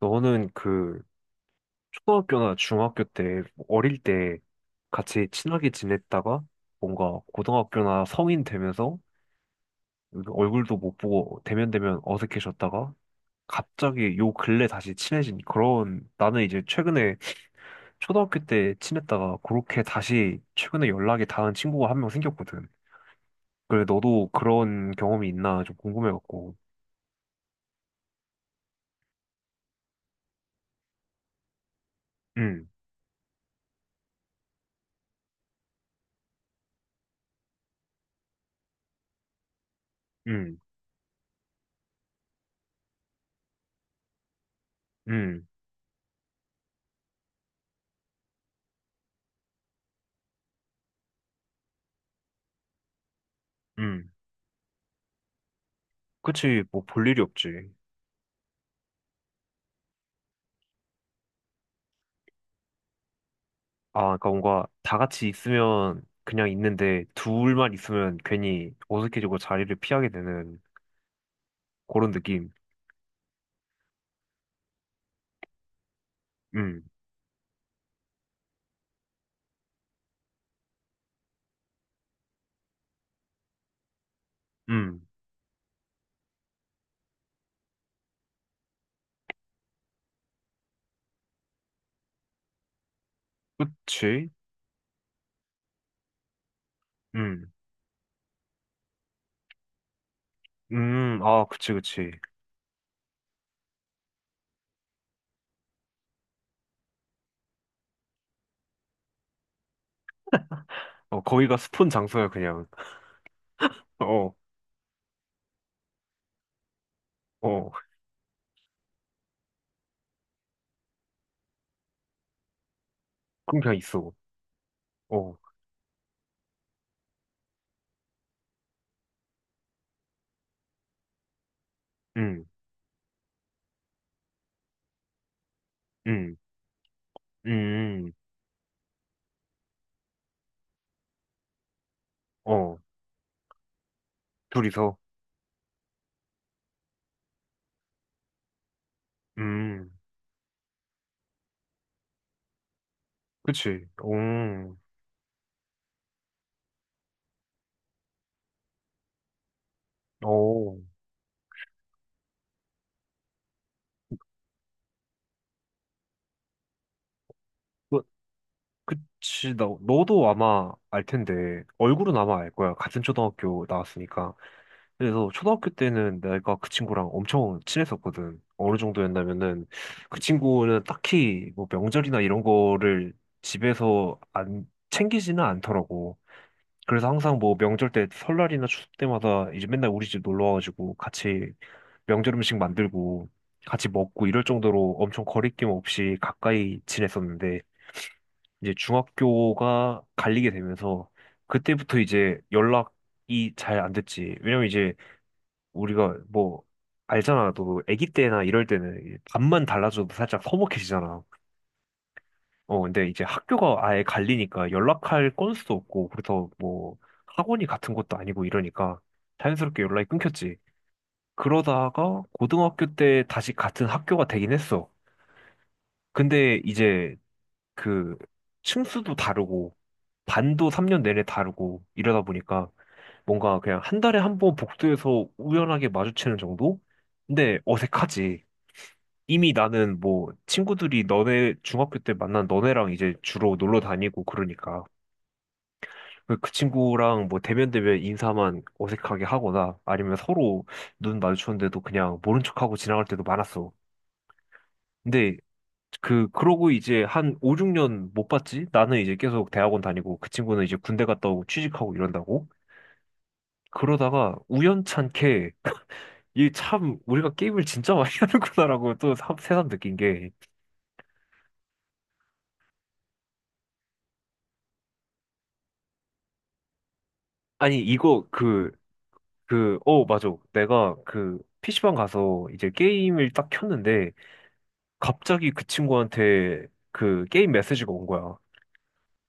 너는 그 초등학교나 중학교 때 뭐 어릴 때 같이 친하게 지냈다가 뭔가 고등학교나 성인 되면서 얼굴도 못 보고 대면대면 어색해졌다가 갑자기 요 근래 다시 친해진, 그런, 나는 이제 최근에 초등학교 때 친했다가 그렇게 다시 최근에 연락이 닿은 친구가 한 명 생겼거든. 그래 너도 그런 경험이 있나 좀 궁금해갖고. 응, 응, 응, 응. 그치 뭐 볼 일이 없지. 아, 그러니까 뭔가 다 같이 있으면 그냥 있는데 둘만 있으면 괜히 어색해지고 자리를 피하게 되는 그런 느낌. 음, 음, 그치? 음, 아, 그치, 그치. 어, 거기가 스폰 장소야, 그냥. 어, 어, 그럼 그냥 있어. 어, 음, 음, 음, 어, 둘이서. 음, 그치. 어. 그- 그치, 나, 너도 아마 알 텐데, 얼굴은 아마 알 거야. 같은 초등학교 나왔으니까. 그래서 초등학교 때는 내가 그 친구랑 엄청 친했었거든. 어느 정도였냐면은, 그 친구는 딱히 뭐 명절이나 이런 거를 집에서 안 챙기지는 않더라고. 그래서 항상 뭐 명절 때 설날이나 추석 때마다 이제 맨날 우리 집 놀러 와가지고 같이 명절 음식 만들고 같이 먹고 이럴 정도로 엄청 거리낌 없이 가까이 지냈었는데, 이제 중학교가 갈리게 되면서 그때부터 이제 연락이 잘 안 됐지. 왜냐면 이제 우리가 뭐 알잖아. 또 아기 때나 이럴 때는 이제 밥만 달라져도 살짝 서먹해지잖아. 어, 근데 이제 학교가 아예 갈리니까 연락할 건수도 없고, 그래서 뭐 학원이 같은 것도 아니고 이러니까 자연스럽게 연락이 끊겼지. 그러다가 고등학교 때 다시 같은 학교가 되긴 했어. 근데 이제 그, 층수도 다르고 반도 3년 내내 다르고 이러다 보니까 뭔가 그냥 한 달에 한 번 복도에서 우연하게 마주치는 정도? 근데 어색하지. 이미 나는 뭐 친구들이 너네 중학교 때 만난 너네랑 이제 주로 놀러 다니고 그러니까 그그 친구랑 뭐 대면 대면 인사만 어색하게 하거나 아니면 서로 눈 마주쳤는데도 그냥 모른 척하고 지나갈 때도 많았어. 근데 그러고 이제 한 5, 6년 못 봤지? 나는 이제 계속 대학원 다니고 그 친구는 이제 군대 갔다 오고 취직하고 이런다고. 그러다가 우연찮게 이 참 우리가 게임을 진짜 많이 하는구나라고 또 새삼 느낀 게, 아니 이거 어, 맞아. 내가 그 PC방 가서 이제 게임을 딱 켰는데 갑자기 그 친구한테 그 게임 메시지가 온 거야.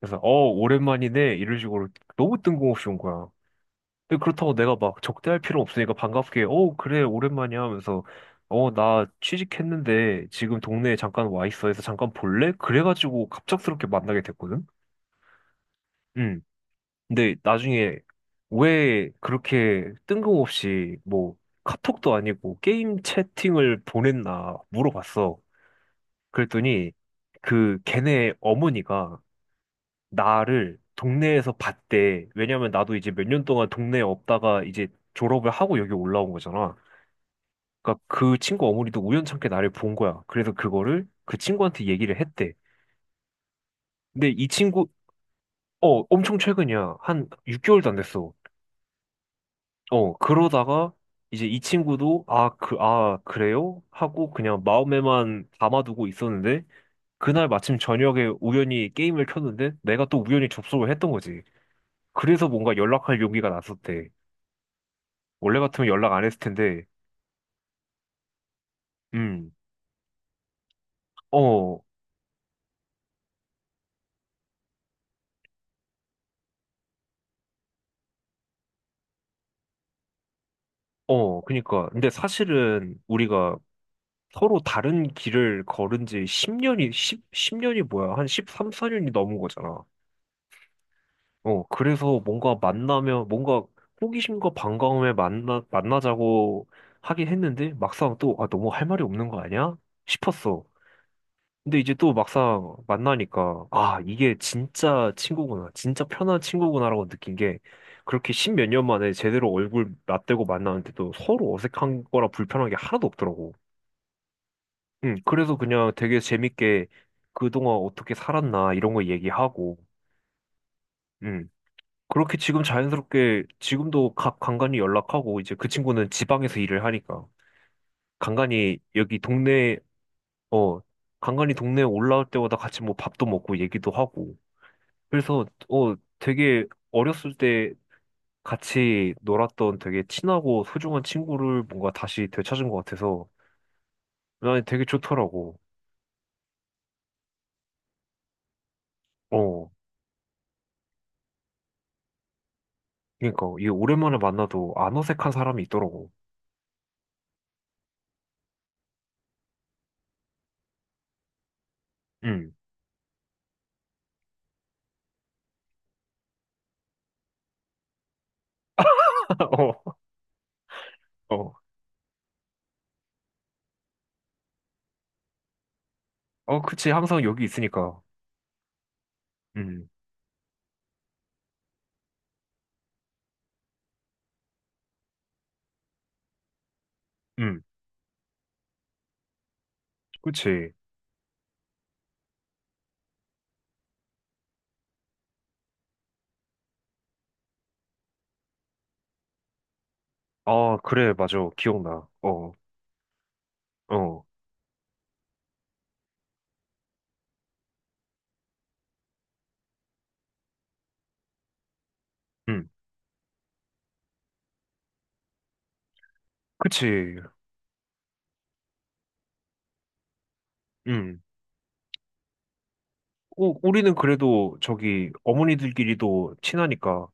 그래서 어, 오랜만이네, 이런 식으로 너무 뜬금없이 온 거야. 근데 그렇다고 내가 막 적대할 필요 없으니까 반갑게 어, 그래, 오랜만이야 하면서, 어, 나 취직했는데 지금 동네에 잠깐 와 있어 해서 잠깐 볼래? 그래가지고 갑작스럽게 만나게 됐거든. 응. 근데 나중에 왜 그렇게 뜬금없이 뭐 카톡도 아니고 게임 채팅을 보냈나 물어봤어. 그랬더니, 그 걔네 어머니가 나를 동네에서 봤대. 왜냐면 나도 이제 몇 년 동안 동네에 없다가 이제 졸업을 하고 여기 올라온 거잖아. 그러니까 그 친구 어머니도 우연찮게 나를 본 거야. 그래서 그거를 그 친구한테 얘기를 했대. 근데 이 친구, 어, 엄청 최근이야. 한 6개월도 안 됐어. 어, 그러다가 이제 이 친구도, 아, 그, 아, 그래요? 하고 그냥 마음에만 담아두고 있었는데, 그날 마침 저녁에 우연히 게임을 켰는데 내가 또 우연히 접속을 했던 거지. 그래서 뭔가 연락할 용기가 났었대. 원래 같으면 연락 안 했을 텐데, 음, 어, 어, 그니까. 근데 사실은 우리가 서로 다른 길을 걸은 지 10년이 뭐야? 한 13, 14년이 넘은 거잖아. 어, 그래서 뭔가 만나면, 뭔가 호기심과 반가움에 만나자고 하긴 했는데, 막상 또, 아, 너무 할 말이 없는 거 아니야? 싶었어. 근데 이제 또 막상 만나니까, 아, 이게 진짜 친구구나, 진짜 편한 친구구나라고 느낀 게, 그렇게 십몇 년 만에 제대로 얼굴 맞대고 만나는데도 서로 어색한 거라 불편한 게 하나도 없더라고. 응, 그래서 그냥 되게 재밌게 그동안 어떻게 살았나, 이런 거 얘기하고, 응. 그렇게 지금 자연스럽게 지금도 각 간간이 연락하고, 이제 그 친구는 지방에서 일을 하니까 간간이 여기 동네 어 간간이 동네에 올라올 때마다 같이 뭐 밥도 먹고 얘기도 하고, 그래서 어 되게 어렸을 때 같이 놀았던 되게 친하고 소중한 친구를 뭔가 다시 되찾은 것 같아서 난 되게 좋더라고. 어 그러니까 이게 오랜만에 만나도 안 어색한 사람이 있더라고. 음, 어, 어, 어, 그치, 항상 여기 있으니까. 음, 음. 그치. 아, 그래, 맞아. 기억나. 어, 어, 음, 그치, 음, 오, 우리는 그래도 저기 어머니들끼리도 친하니까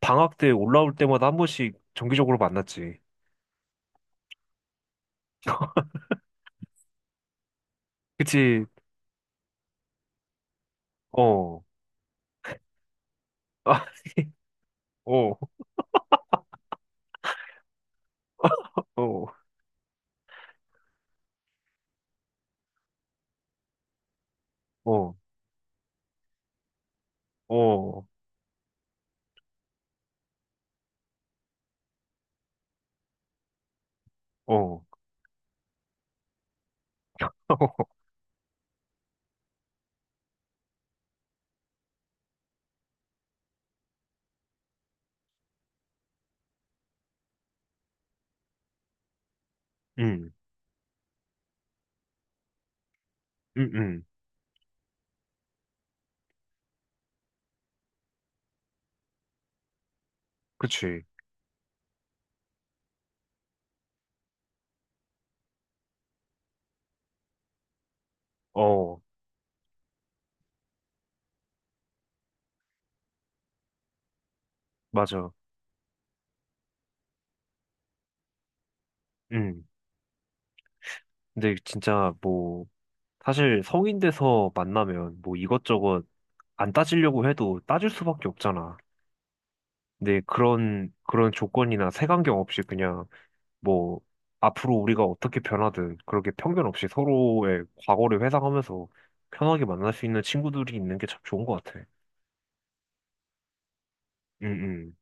방학 때 올라올 때마다 한 번씩 정기적으로 만났지. 그치, 어, 아, 어, 어, 어, 어, 어, 음, 음, 음, 그치, 어, 맞아. 음, 근데 진짜 뭐, 사실 성인 돼서 만나면 뭐 이것저것 안 따지려고 해도 따질 수밖에 없잖아. 근데 그런 그런 조건이나 색안경 없이 그냥 뭐 앞으로 우리가 어떻게 변하든 그렇게 편견 없이 서로의 과거를 회상하면서 편하게 만날 수 있는 친구들이 있는 게 참 좋은 것 같아. 응응.